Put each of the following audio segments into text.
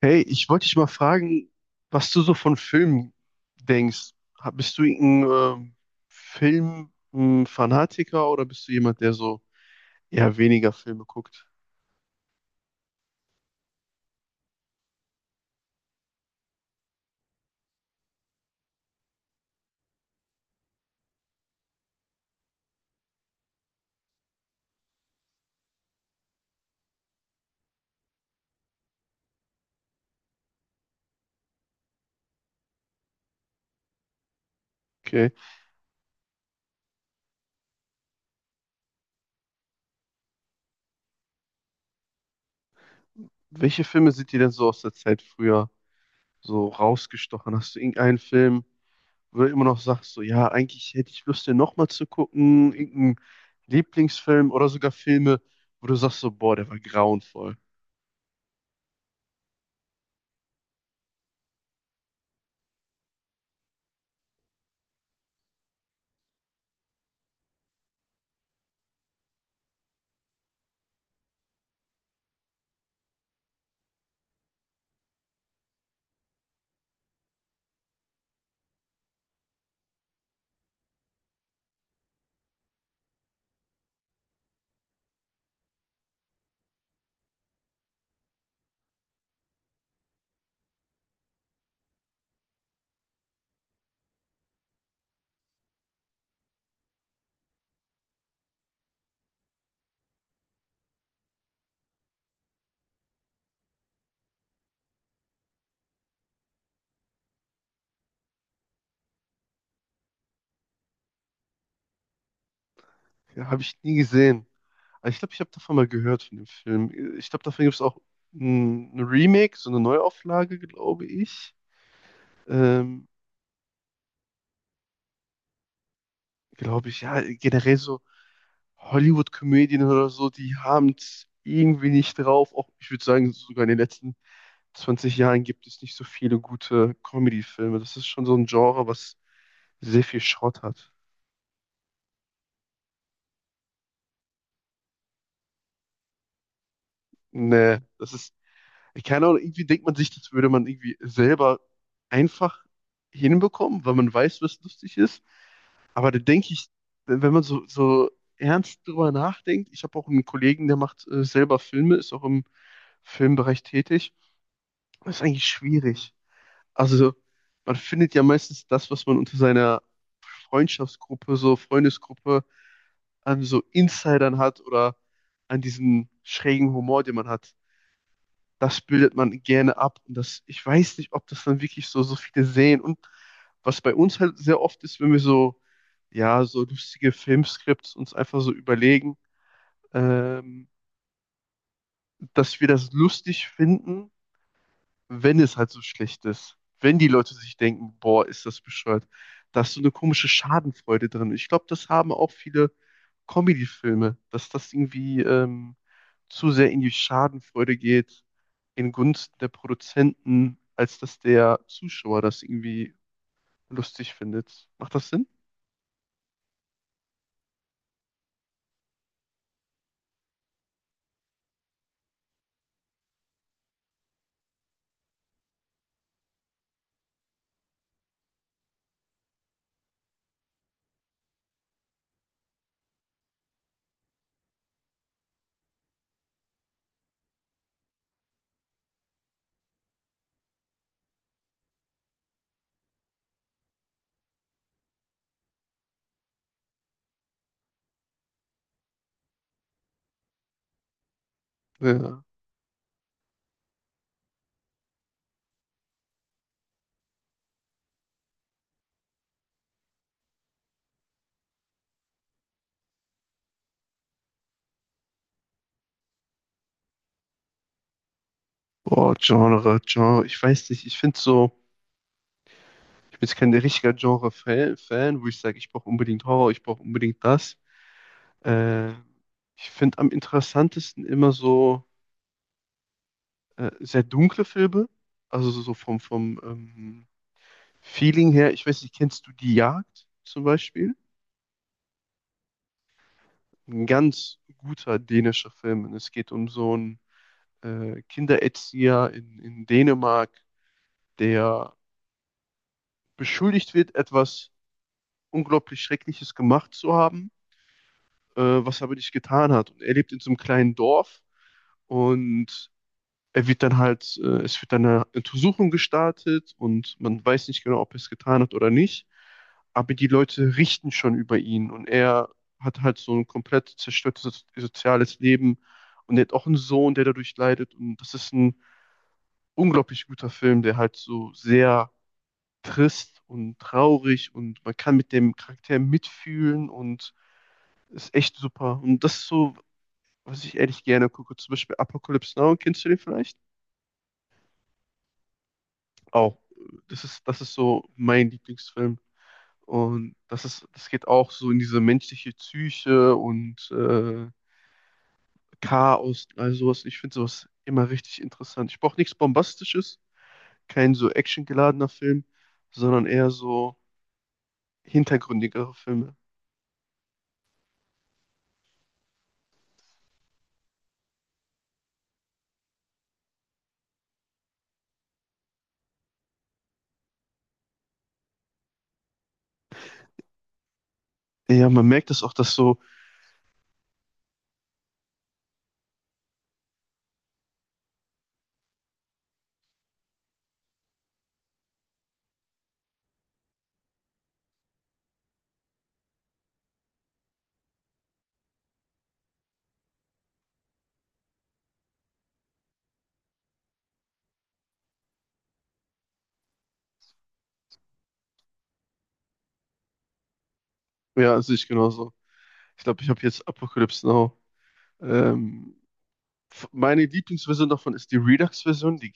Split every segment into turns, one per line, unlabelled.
Hey, ich wollte dich mal fragen, was du so von Filmen denkst. Bist du ein Filmfanatiker oder bist du jemand, der so eher weniger Filme guckt? Okay. Welche Filme sind dir denn so aus der Zeit früher so rausgestochen? Hast du irgendeinen Film, wo du immer noch sagst, so ja, eigentlich hätte ich Lust, den nochmal zu gucken, irgendeinen Lieblingsfilm oder sogar Filme, wo du sagst so, boah, der war grauenvoll. Ja, habe ich nie gesehen. Aber ich glaube, ich habe davon mal gehört, von dem Film. Ich glaube, davon gibt es auch ein Remake, so eine Neuauflage, glaube ich. Ähm, glaube ich, ja, generell so Hollywood-Komödien oder so, die haben es irgendwie nicht drauf. Auch, ich würde sagen, sogar in den letzten 20 Jahren gibt es nicht so viele gute Comedy-Filme. Das ist schon so ein Genre, was sehr viel Schrott hat. Nee, das ist keine Ahnung, irgendwie denkt man sich, das würde man irgendwie selber einfach hinbekommen, weil man weiß, was lustig ist. Aber da denke ich, wenn man so ernst drüber nachdenkt, ich habe auch einen Kollegen, der macht selber Filme, ist auch im Filmbereich tätig. Das ist eigentlich schwierig. Also, man findet ja meistens das, was man unter seiner Freundschaftsgruppe, so Freundesgruppe, an so Insidern hat oder an diesem schrägen Humor, den man hat, das bildet man gerne ab. Und das, ich weiß nicht, ob das dann wirklich so, so viele sehen. Und was bei uns halt sehr oft ist, wenn wir so, ja, so lustige Filmskripts uns einfach so überlegen, ähm, dass wir das lustig finden, wenn es halt so schlecht ist, wenn die Leute sich denken, boah, ist das bescheuert, da ist so eine komische Schadenfreude drin. Ich glaube, das haben auch viele Comedy-Filme, dass das irgendwie zu sehr in die Schadenfreude geht, in Gunst der Produzenten, als dass der Zuschauer das irgendwie lustig findet. Macht das Sinn? Ja. Boah, Genre, ich weiß nicht, ich finde so, ich bin jetzt kein richtiger Genre-Fan, Fan, wo ich sage, ich brauche unbedingt Horror, ich brauche unbedingt das. Äh, ich finde am interessantesten immer so sehr dunkle Filme. Also so vom Feeling her. Ich weiß nicht, kennst du Die Jagd zum Beispiel? Ein ganz guter dänischer Film. Und es geht um so einen Kindererzieher in Dänemark, der beschuldigt wird, etwas unglaublich Schreckliches gemacht zu haben, was er aber nicht getan hat. Und er lebt in so einem kleinen Dorf und er wird dann halt, es wird dann eine Untersuchung gestartet und man weiß nicht genau, ob er es getan hat oder nicht. Aber die Leute richten schon über ihn und er hat halt so ein komplett zerstörtes soziales Leben und er hat auch einen Sohn, der dadurch leidet. Und das ist ein unglaublich guter Film, der halt so sehr trist und traurig und man kann mit dem Charakter mitfühlen und ist echt super. Und das ist so, was ich ehrlich gerne gucke. Zum Beispiel Apocalypse Now, kennst du den vielleicht? Auch. Das ist so mein Lieblingsfilm. Und das ist, das geht auch so in diese menschliche Psyche und Chaos, all sowas. Ich finde sowas immer richtig interessant. Ich brauche nichts Bombastisches, kein so actiongeladener Film, sondern eher so hintergründigere Filme. Ja, man merkt das auch, dass so, ja, sehe ich genauso. Ich glaube, ich habe jetzt Apocalypse Now. Ähm, meine Lieblingsversion davon ist die Redux-Version, die.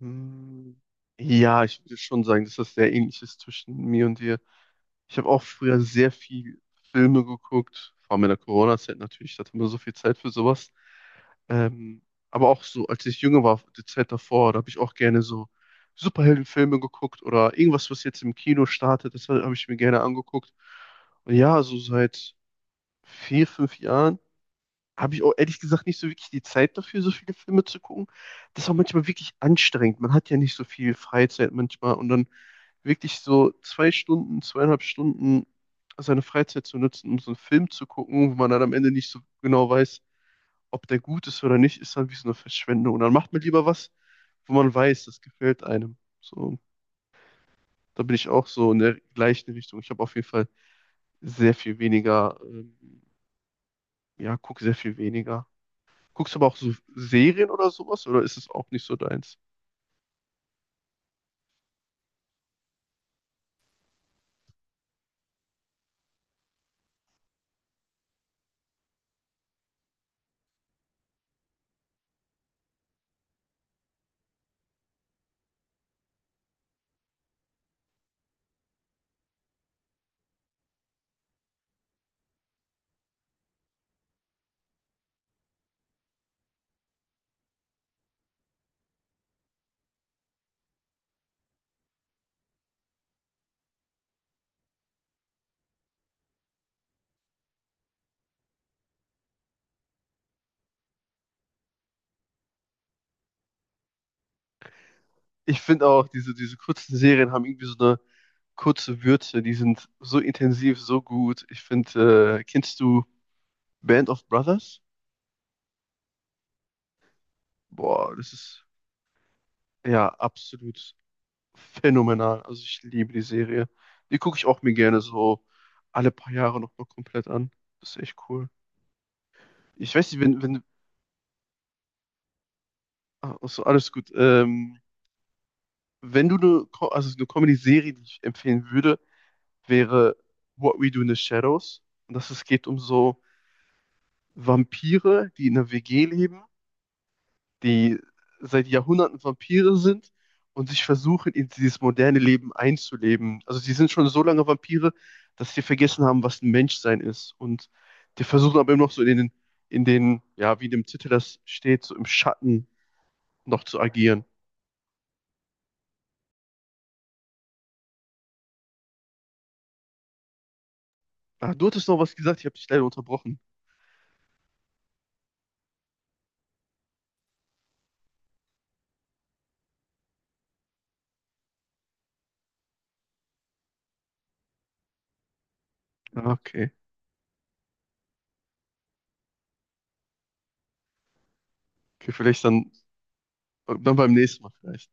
Hm, Ja, ich würde schon sagen, dass das sehr ähnlich ist zwischen mir und dir. Ich habe auch früher sehr viel Filme geguckt, vor allem in der Corona-Zeit natürlich, da hatte man so viel Zeit für sowas. Ähm, aber auch so, als ich jünger war, die Zeit davor, da habe ich auch gerne so Superheldenfilme geguckt oder irgendwas, was jetzt im Kino startet, das habe ich mir gerne angeguckt. Und ja, so seit 4, 5 Jahren habe ich auch ehrlich gesagt nicht so wirklich die Zeit dafür, so viele Filme zu gucken. Das ist auch manchmal wirklich anstrengend. Man hat ja nicht so viel Freizeit manchmal und dann wirklich so 2 Stunden, 2,5 Stunden seine Freizeit zu nutzen, um so einen Film zu gucken, wo man dann am Ende nicht so genau weiß, ob der gut ist oder nicht, ist dann wie so eine Verschwendung. Und dann macht man lieber was, wo man weiß, das gefällt einem. So, da bin ich auch so in der gleichen Richtung. Ich habe auf jeden Fall sehr viel weniger, ja, gucke sehr viel weniger. Guckst du aber auch so Serien oder sowas oder ist es auch nicht so deins? Ich finde auch, diese kurzen Serien haben irgendwie so eine kurze Würze, die sind so intensiv, so gut. Ich finde, kennst du Band of Brothers? Boah, das ist ja absolut phänomenal. Also ich liebe die Serie. Die gucke ich auch mir gerne so alle paar Jahre nochmal komplett an. Das ist echt cool. Ich weiß nicht, wenn, wenn, also alles gut. Wenn du eine, also eine Comedy-Serie, die ich empfehlen würde, wäre What We Do in the Shadows. Und das es geht um so Vampire, die in einer WG leben, die seit Jahrhunderten Vampire sind und sich versuchen, in dieses moderne Leben einzuleben. Also sie sind schon so lange Vampire, dass sie vergessen haben, was ein Menschsein ist. Und die versuchen aber immer noch so in den, ja, wie in dem Titel das steht, so im Schatten noch zu agieren. Ah, du hattest noch was gesagt, ich habe dich leider unterbrochen. Ah, okay. Okay, vielleicht dann beim nächsten Mal vielleicht.